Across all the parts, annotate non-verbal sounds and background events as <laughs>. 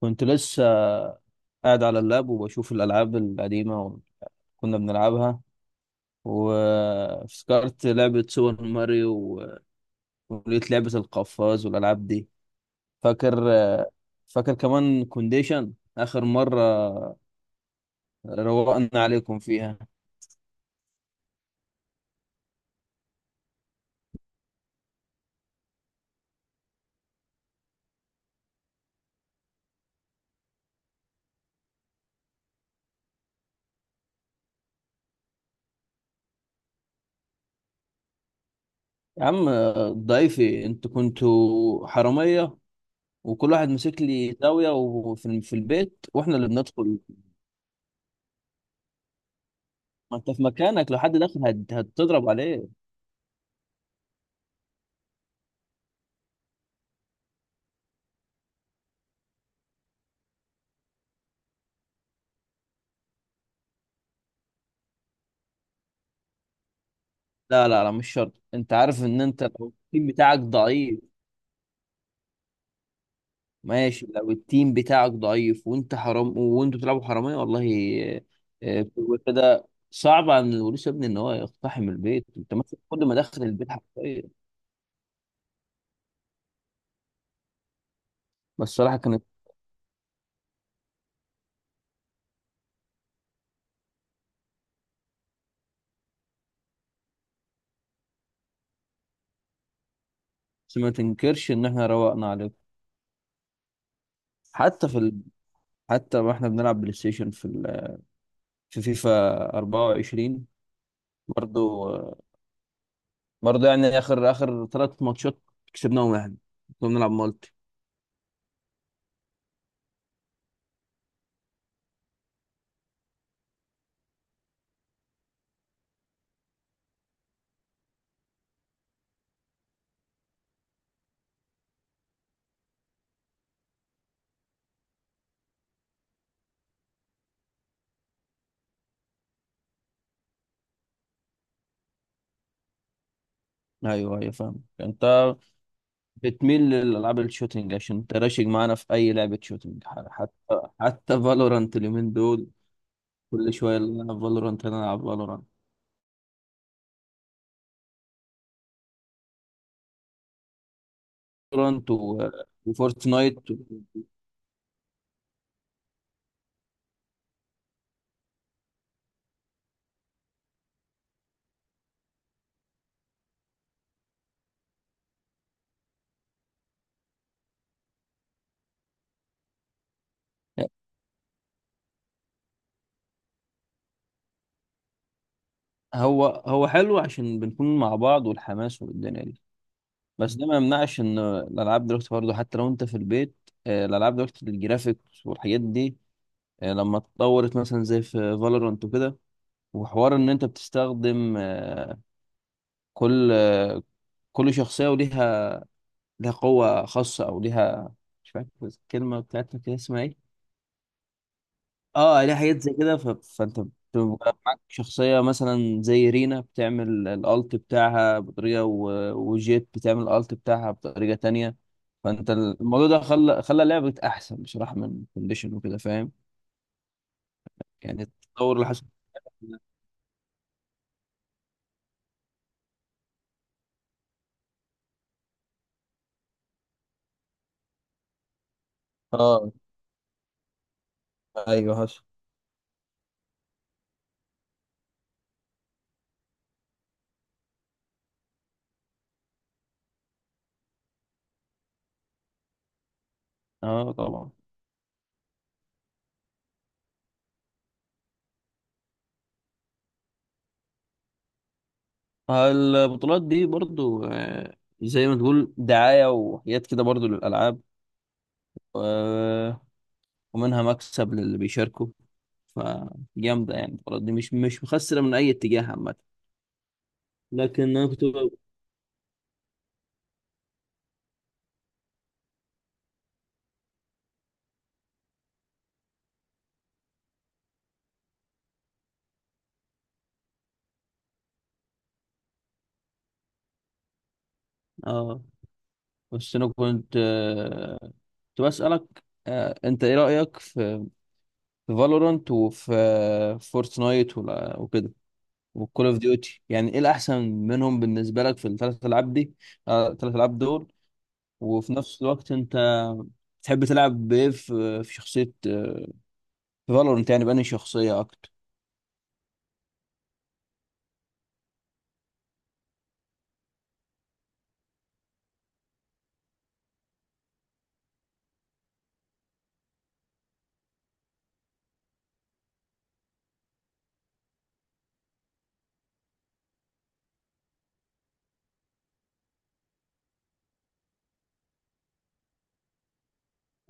كنت لسه قاعد على اللاب وبشوف الألعاب القديمة اللي كنا بنلعبها، وافتكرت لعبة سوبر ماريو ولقيت لعبة القفاز والألعاب دي. فاكر؟ فاكر كمان كونديشن آخر مرة روقنا عليكم فيها. يا عم ضيفي، انتوا كنتوا حرامية وكل واحد مسك لي زاوية، وفي البيت واحنا اللي بندخل. ما انت في مكانك، لو حد دخل هتضرب عليه. لا، لا، لا، مش شرط، انت عارف ان انت لو التيم بتاعك ضعيف. ماشي، لو التيم بتاعك ضعيف وانت حرام وانتوا بتلعبوا حرامية، والله بتبقى كده صعب عن الوريث يا ابني ان هو يقتحم البيت. انت مثلا كل ما دخل البيت حرفيا. بس الصراحة كانت بس ما تنكرش ان احنا روقنا عليكم، حتى في ال... حتى واحنا بنلعب بلاي ستيشن في فيفا 24. برضو آه، برضو يعني اخر ثلاث ماتشات كسبناهم احنا. كنا بنلعب مالتي. ايوه، ايوه، فاهم انت. بتميل للألعاب الشوتينج عشان تراشق معانا في أي لعبة شوتينج، حتى فالورانت اليومين دول. كل شوية نلعب فالورانت، نلعب فالورانت. فالورانت وفورتنايت هو هو حلو عشان بنكون مع بعض والحماس والدنيا دي. بس ده ما يمنعش إن الألعاب دلوقتي برضه حتى لو أنت في البيت، الألعاب دلوقتي الجرافيكس والحاجات دي لما اتطورت مثلا زي في فالورانت وكده، وحوار إن أنت بتستخدم كل آه، كل شخصية لها قوة خاصة، أو ليها... مش فاكر الكلمة بتاعتها كده، اسمها إيه؟ ليها حاجات زي كده، فأنت بتبقى معاك شخصية مثلا زي رينا بتعمل الألت بتاعها بطريقة، وجيت بتعمل الألت بتاعها بطريقة تانية. فأنت الموضوع ده خلى لعبة أحسن بصراحة من كونديشن وكده، فاهم؟ يعني التطور اللي حصل. آه، أيوه حصل. آه، طبعا. البطولات دي برضو زي ما تقول دعاية وحاجات كده برضو للألعاب، آه، ومنها مكسب للي بيشاركوا. فجامدة يعني، المباراة دي مش مخسرة من أي اتجاه عامة. لكن أنا كنت ب- آه بس أنا كنت بسألك، أنت إيه رأيك في فالورانت، وفي فورتنايت وكده، وكول أوف ديوتي. يعني إيه الأحسن منهم بالنسبة لك في الثلاث ألعاب دي؟ آه، الثلاث ألعاب دول وفي نفس الوقت أنت تحب تلعب بإيه في شخصية، في فالورانت؟ يعني بأنهي شخصية أكتر؟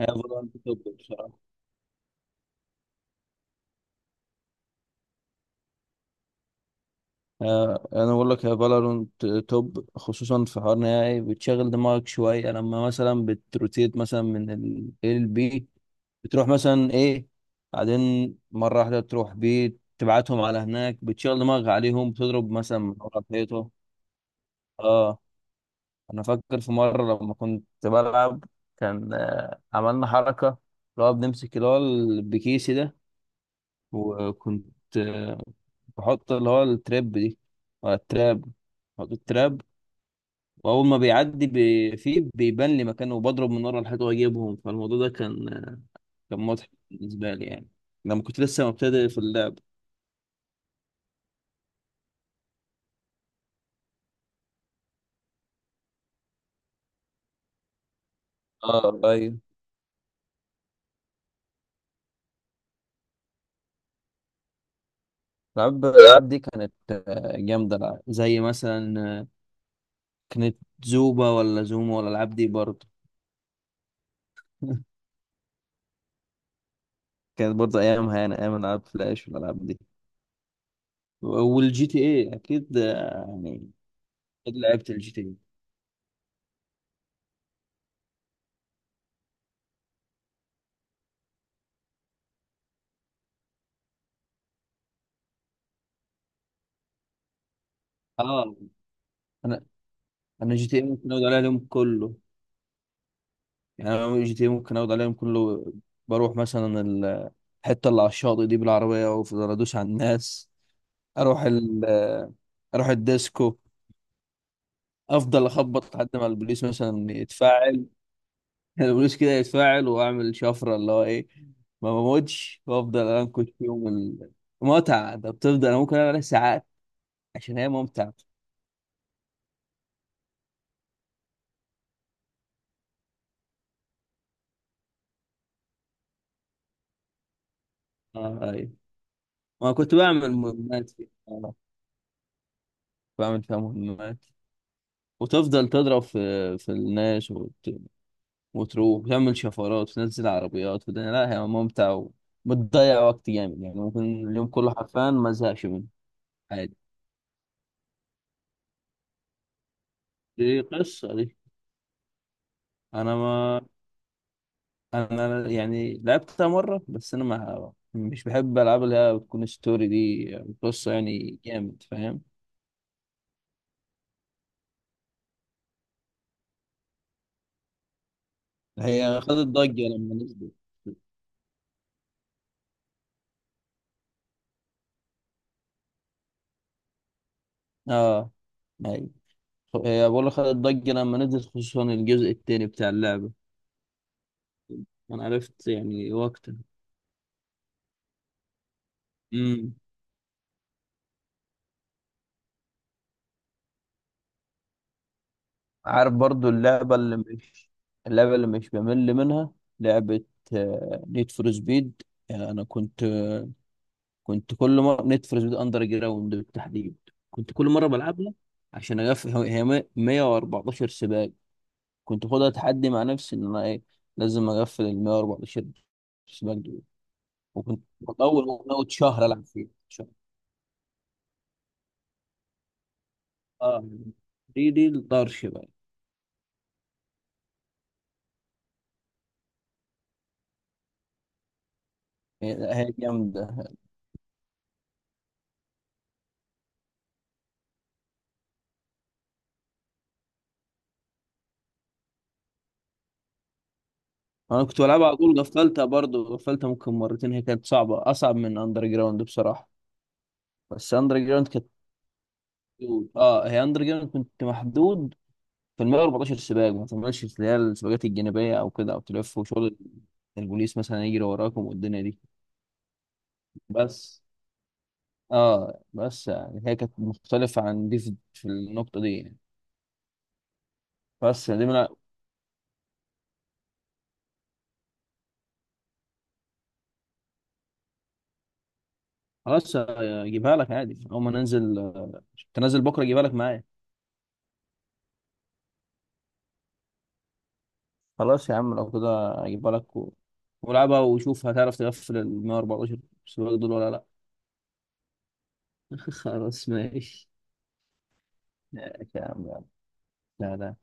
هي فالورانت توب بصراحة. انا بقول لك يا فالورانت توب، خصوصا في حوار نهائي بتشغل دماغك شويه لما مثلا بتروتيت مثلا من ال A ل B. بتروح مثلا ايه، بعدين مره واحده تروح بي تبعتهم على هناك، بتشغل دماغك عليهم، بتضرب مثلا من ورا الحيطه. اه، انا فاكر في مره لما كنت بلعب، كان عملنا حركه اللي هو بنمسك اللي هو البكيسي ده، وكنت بحط اللي هو التراب دي، ولا التراب، بحط التراب. واول ما بيعدي فيه بيبان لي مكانه، وبضرب من ورا الحيط واجيبهم، فالموضوع ده كان مضحك بالنسبه لي يعني، لما كنت لسه مبتدئ في اللعب. اه، ايوه. الالعاب دي كانت جامده، لا. زي مثلا كانت زوبا، ولا زوما، ولا الالعاب دي برضه. <laughs> كانت برضه ايامها يعني، ايام العاب فلاش والالعاب دي، والجي تي اي اكيد يعني. اكيد لعبت الجي تي اي. اه، انا انا GTA ممكن اقعد عليها اليوم كله. يعني انا GTA ممكن اقعد عليها اليوم كله. بروح مثلا الحته اللي على الشاطئ دي بالعربيه وافضل ادوس على الناس، اروح ال آه، اروح الديسكو، افضل اخبط لحد ما البوليس مثلا يتفاعل. <laughs> البوليس كده يتفاعل واعمل شفره اللي هو ايه، ما بموتش، وافضل انكش فيهم متعه، ده بتفضل انا ممكن اعملها ساعات عشان هي ممتعه. آه، أيوة. ما كنت بعمل مهمات فيها، بعمل فيها مهمات، وتفضل تضرب في الناس، وتروح وتعمل شفرات وتنزل عربيات وده، لا هي ممتع، وبتضيع وقت جامد يعني، ممكن اليوم كله حرفيا ما زهقش منه. عادي، دي قصة دي. أنا ما أنا يعني لعبتها مرة، بس أنا ما مش بحب ألعاب اللي هي بتكون ستوري دي، يعني قصة، يعني جامد، فاهم. هي خدت ضجة لما نزلت. اه، هي هي بقول لك خدت ضجة لما نزلت، خصوصا الجزء التاني بتاع اللعبة. أنا عرفت يعني وقتها. عارف برضو اللعبة اللي مش بمل منها، لعبة نيد فور سبيد. أنا كنت كل مرة، نيد فور سبيد أندر جراوند بالتحديد، كنت كل مرة بلعبها عشان أقفل هي 114 سباق. كنت خدها تحدي مع نفسي، إن أنا إيه لازم أقفل ال 114 سباق دول. وكنت أول، من أول شهر ألعب فيه شهر. آه، دي الطرش بقى. هي جامدة. انا كنت بلعبها على طول، غفلتها برضه، غفلتها ممكن مرتين، هي كانت صعبه، اصعب من اندر جراوند بصراحه. بس اندر جراوند كانت محدود. اه، هي اندر جراوند كنت محدود في ال 114 سباق، ما تعملش اللي هي السباقات الجانبيه او كده، او تلف وشغل البوليس مثلا يجري وراكم والدنيا دي. بس اه بس يعني هي كانت مختلفه عن دي في النقطه دي يعني. بس دي من خلاص، اجيبها لك عادي اول ما ننزل، تنزل بكره اجيبها لك معايا. خلاص يا عم، لو كده اجيبها لك ولعبها، وشوف هتعرف تقفل ال 114 سباق دول ولا لا. <laughs> خلاص، ماشي. ماشي، يا عم، يلا. لا، لا